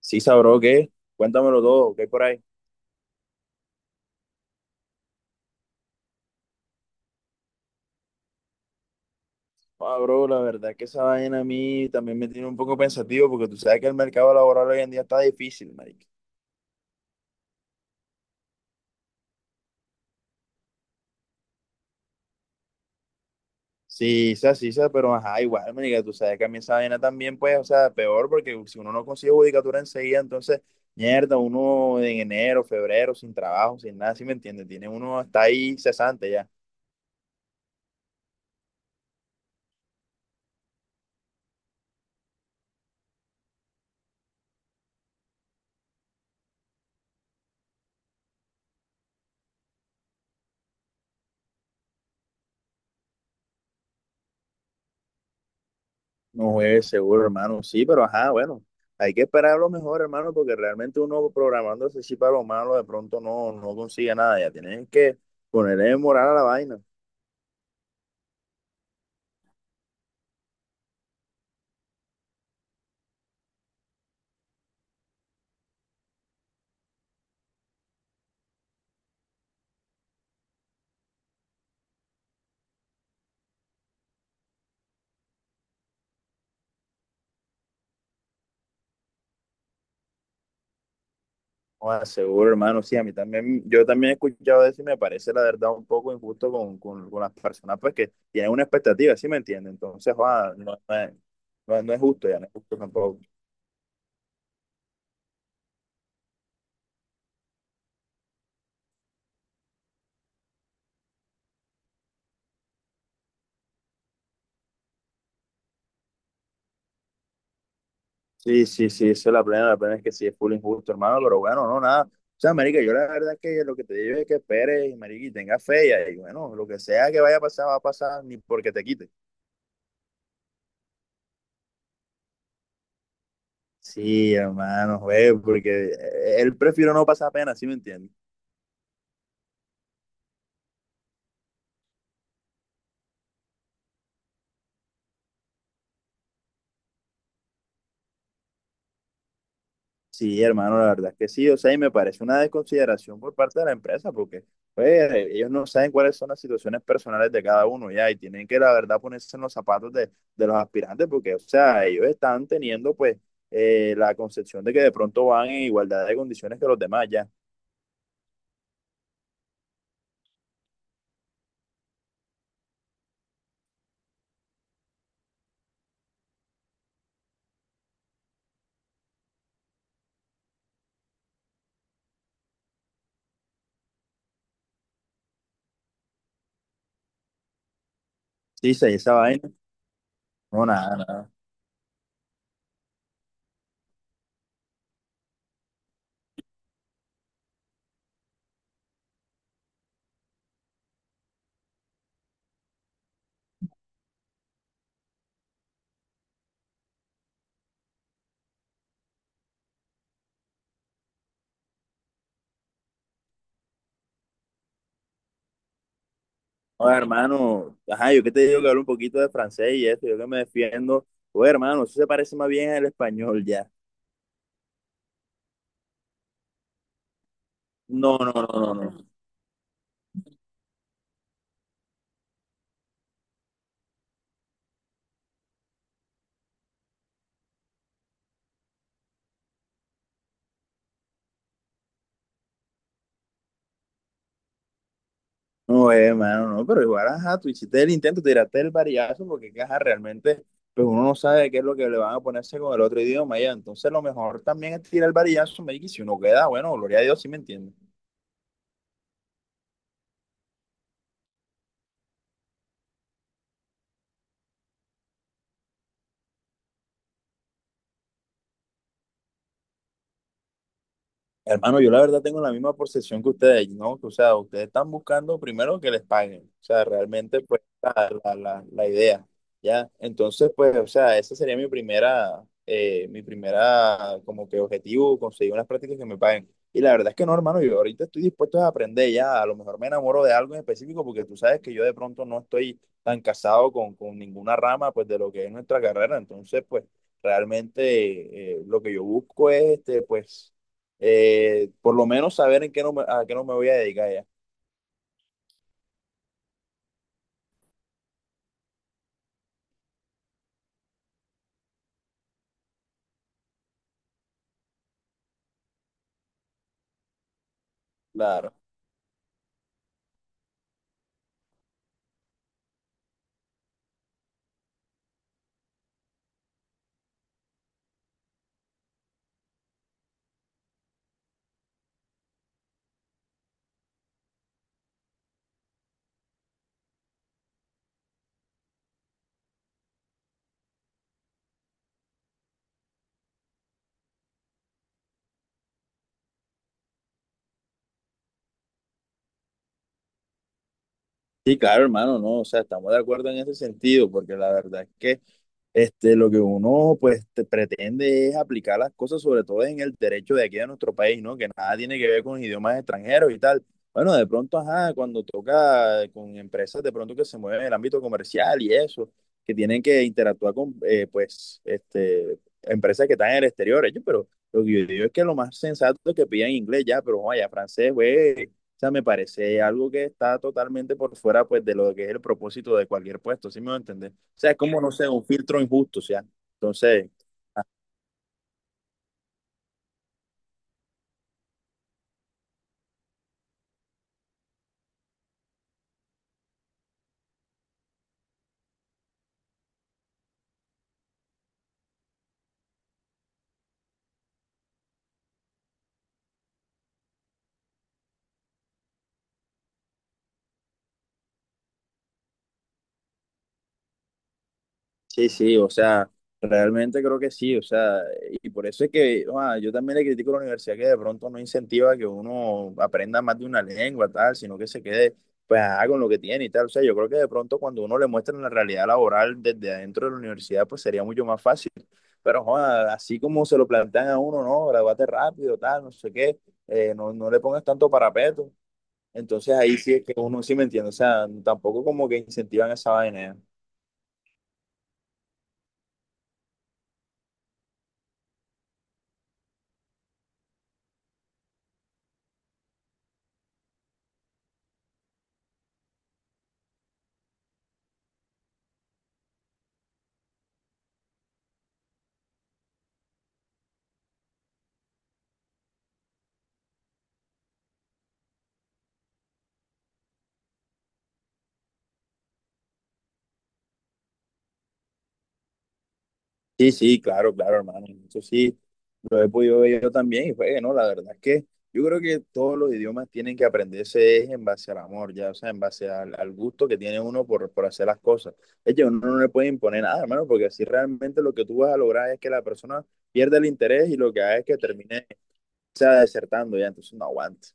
Sí, sabro, ¿qué? Cuéntamelo todo, ¿qué hay por ahí? Ah, bro, la verdad es que esa vaina a mí también me tiene un poco pensativo porque tú sabes que el mercado laboral hoy en día está difícil, marica. Sí, sí, sí, sí, pero ajá, igual, marica, tú sabes que a mí esa vaina también, pues, o sea, peor porque si uno no consigue judicatura enseguida, entonces, mierda, uno en enero, febrero, sin trabajo, sin nada, ¿sí me entiendes? Tiene uno, está ahí cesante ya. No juegues seguro, hermano. Sí, pero ajá, bueno, hay que esperar lo mejor, hermano, porque realmente uno programándose sí para lo malo, de pronto no, no consigue nada. Ya tienen que ponerle moral a la vaina. No, seguro, hermano. Sí, a mí también, yo también he escuchado eso y me parece la verdad un poco injusto con las personas pues que tienen una expectativa, ¿sí me entiende? Entonces, joda, no, no es justo, ya no es justo tampoco. Sí, sí, sí, eso es la plena es que sí es full injusto, hermano, pero bueno, no, nada. O sea, marica, yo la verdad es que lo que te digo es que esperes, marica, y tengas fe, y ahí, bueno, lo que sea que vaya a pasar, va a pasar, ni porque te quite. Sí, hermano, güey, porque él prefiero no pasar pena, ¿sí me entiendes? Sí, hermano, la verdad es que sí. O sea, y me parece una desconsideración por parte de la empresa, porque pues, ellos no saben cuáles son las situaciones personales de cada uno, ya, y tienen que, la verdad, ponerse en los zapatos de los aspirantes, porque, o sea, ellos están teniendo, pues, la concepción de que de pronto van en igualdad de condiciones que los demás, ya. Sí, sí, esa vaina. No, nada, nada. Oye, hermano, ajá, yo que te digo que hablo un poquito de francés y eso, yo que me defiendo. Oye, hermano, eso se parece más bien al español, ya. No, no, no, no, no. No, hermano, no, pero igual, ajá, tú hiciste el intento, tiraste el varillazo, porque ajá, realmente, pues uno no sabe qué es lo que le van a ponerse con el otro idioma, ya. Entonces, lo mejor también es tirar el varillazo, me y si uno queda, bueno, gloria a Dios, sí me entiendes. Hermano, yo la verdad tengo la misma percepción que ustedes, ¿no? O sea, ustedes están buscando primero que les paguen, o sea, realmente pues la idea, ¿ya? Entonces, pues, o sea, esa sería mi primera como que objetivo, conseguir unas prácticas que me paguen. Y la verdad es que no, hermano, yo ahorita estoy dispuesto a aprender ya, a lo mejor me enamoro de algo en específico porque tú sabes que yo de pronto no estoy tan casado con ninguna rama pues de lo que es nuestra carrera, entonces pues realmente lo que yo busco es este, pues por lo menos saber en qué no me, a qué no me voy a dedicar ya. Claro. Sí, claro, hermano, no, o sea, estamos de acuerdo en ese sentido, porque la verdad es que este, lo que uno pues te- pretende es aplicar las cosas, sobre todo en el derecho de aquí de nuestro país, ¿no? Que nada tiene que ver con idiomas extranjeros y tal. Bueno, de pronto, ajá, cuando toca con empresas de pronto que se mueven en el ámbito comercial y eso, que tienen que interactuar con, pues, este, empresas que están en el exterior, ellos, pero lo que yo digo es que lo más sensato es que pidan inglés ya, pero vaya, francés, güey, o sea, me parece algo que está totalmente por fuera, pues, de lo que es el propósito de cualquier puesto, ¿sí me voy a entender? O sea, es como, no sé, un filtro injusto, o sea. Entonces, sí, sí, o sea, realmente creo que sí, o sea, y por eso es que ah, yo también le critico a la universidad que de pronto no incentiva que uno aprenda más de una lengua, tal, sino que se quede, pues, ah, con lo que tiene y tal. O sea, yo creo que de pronto cuando uno le muestra la realidad laboral desde adentro de la universidad, pues sería mucho más fácil. Pero, joda, así como se lo plantean a uno, no, gradúate rápido, tal, no sé qué, no, no le pongas tanto parapeto. Entonces ahí sí es que uno sí me entiende, o sea, tampoco como que incentivan esa vaina ya. Sí, sí, claro, claro, hermano. Eso sí, lo he podido ver yo también y fue, que no, la verdad es que yo creo que todos los idiomas tienen que aprenderse es en base al amor, ya, o sea, en base al gusto que tiene uno por hacer las cosas. Es que uno no le puede imponer nada, hermano, porque así realmente lo que tú vas a lograr es que la persona pierda el interés y lo que haga es que termine, o sea, desertando ya, entonces no aguanta.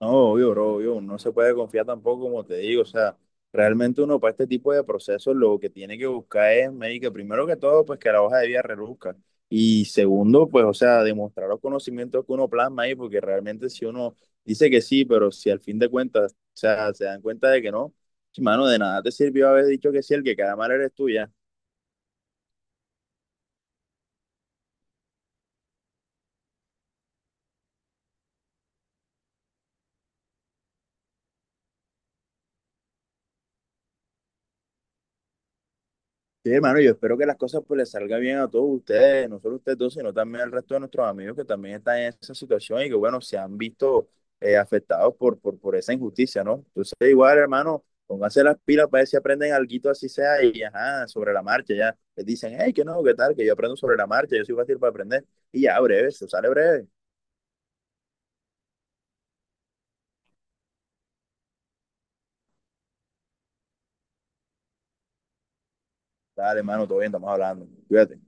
No, obvio, bro, obvio, no se puede confiar tampoco, como te digo, o sea, realmente uno para este tipo de procesos lo que tiene que buscar es, médica, primero que todo, pues que la hoja de vida reduzca, y segundo, pues, o sea, demostrar los conocimientos que uno plasma ahí, porque realmente si uno dice que sí, pero si al fin de cuentas, o sea, se dan cuenta de que no, sí, mano, de nada te sirvió haber dicho que sí, el que cada mal eres tú, ya. Sí, hermano, yo espero que las cosas pues les salga bien a todos ustedes, no solo ustedes dos, sino también al resto de nuestros amigos que también están en esa situación y que, bueno, se han visto afectados por esa injusticia, ¿no? Entonces, igual, hermano, pónganse las pilas para ver si aprenden algo así sea y, ajá, sobre la marcha, ya. Les dicen, hey, que no, qué tal, que yo aprendo sobre la marcha, yo soy fácil para aprender. Y ya, breve, se sale breve. Dale, hermano, todo bien, estamos hablando. Cuídate.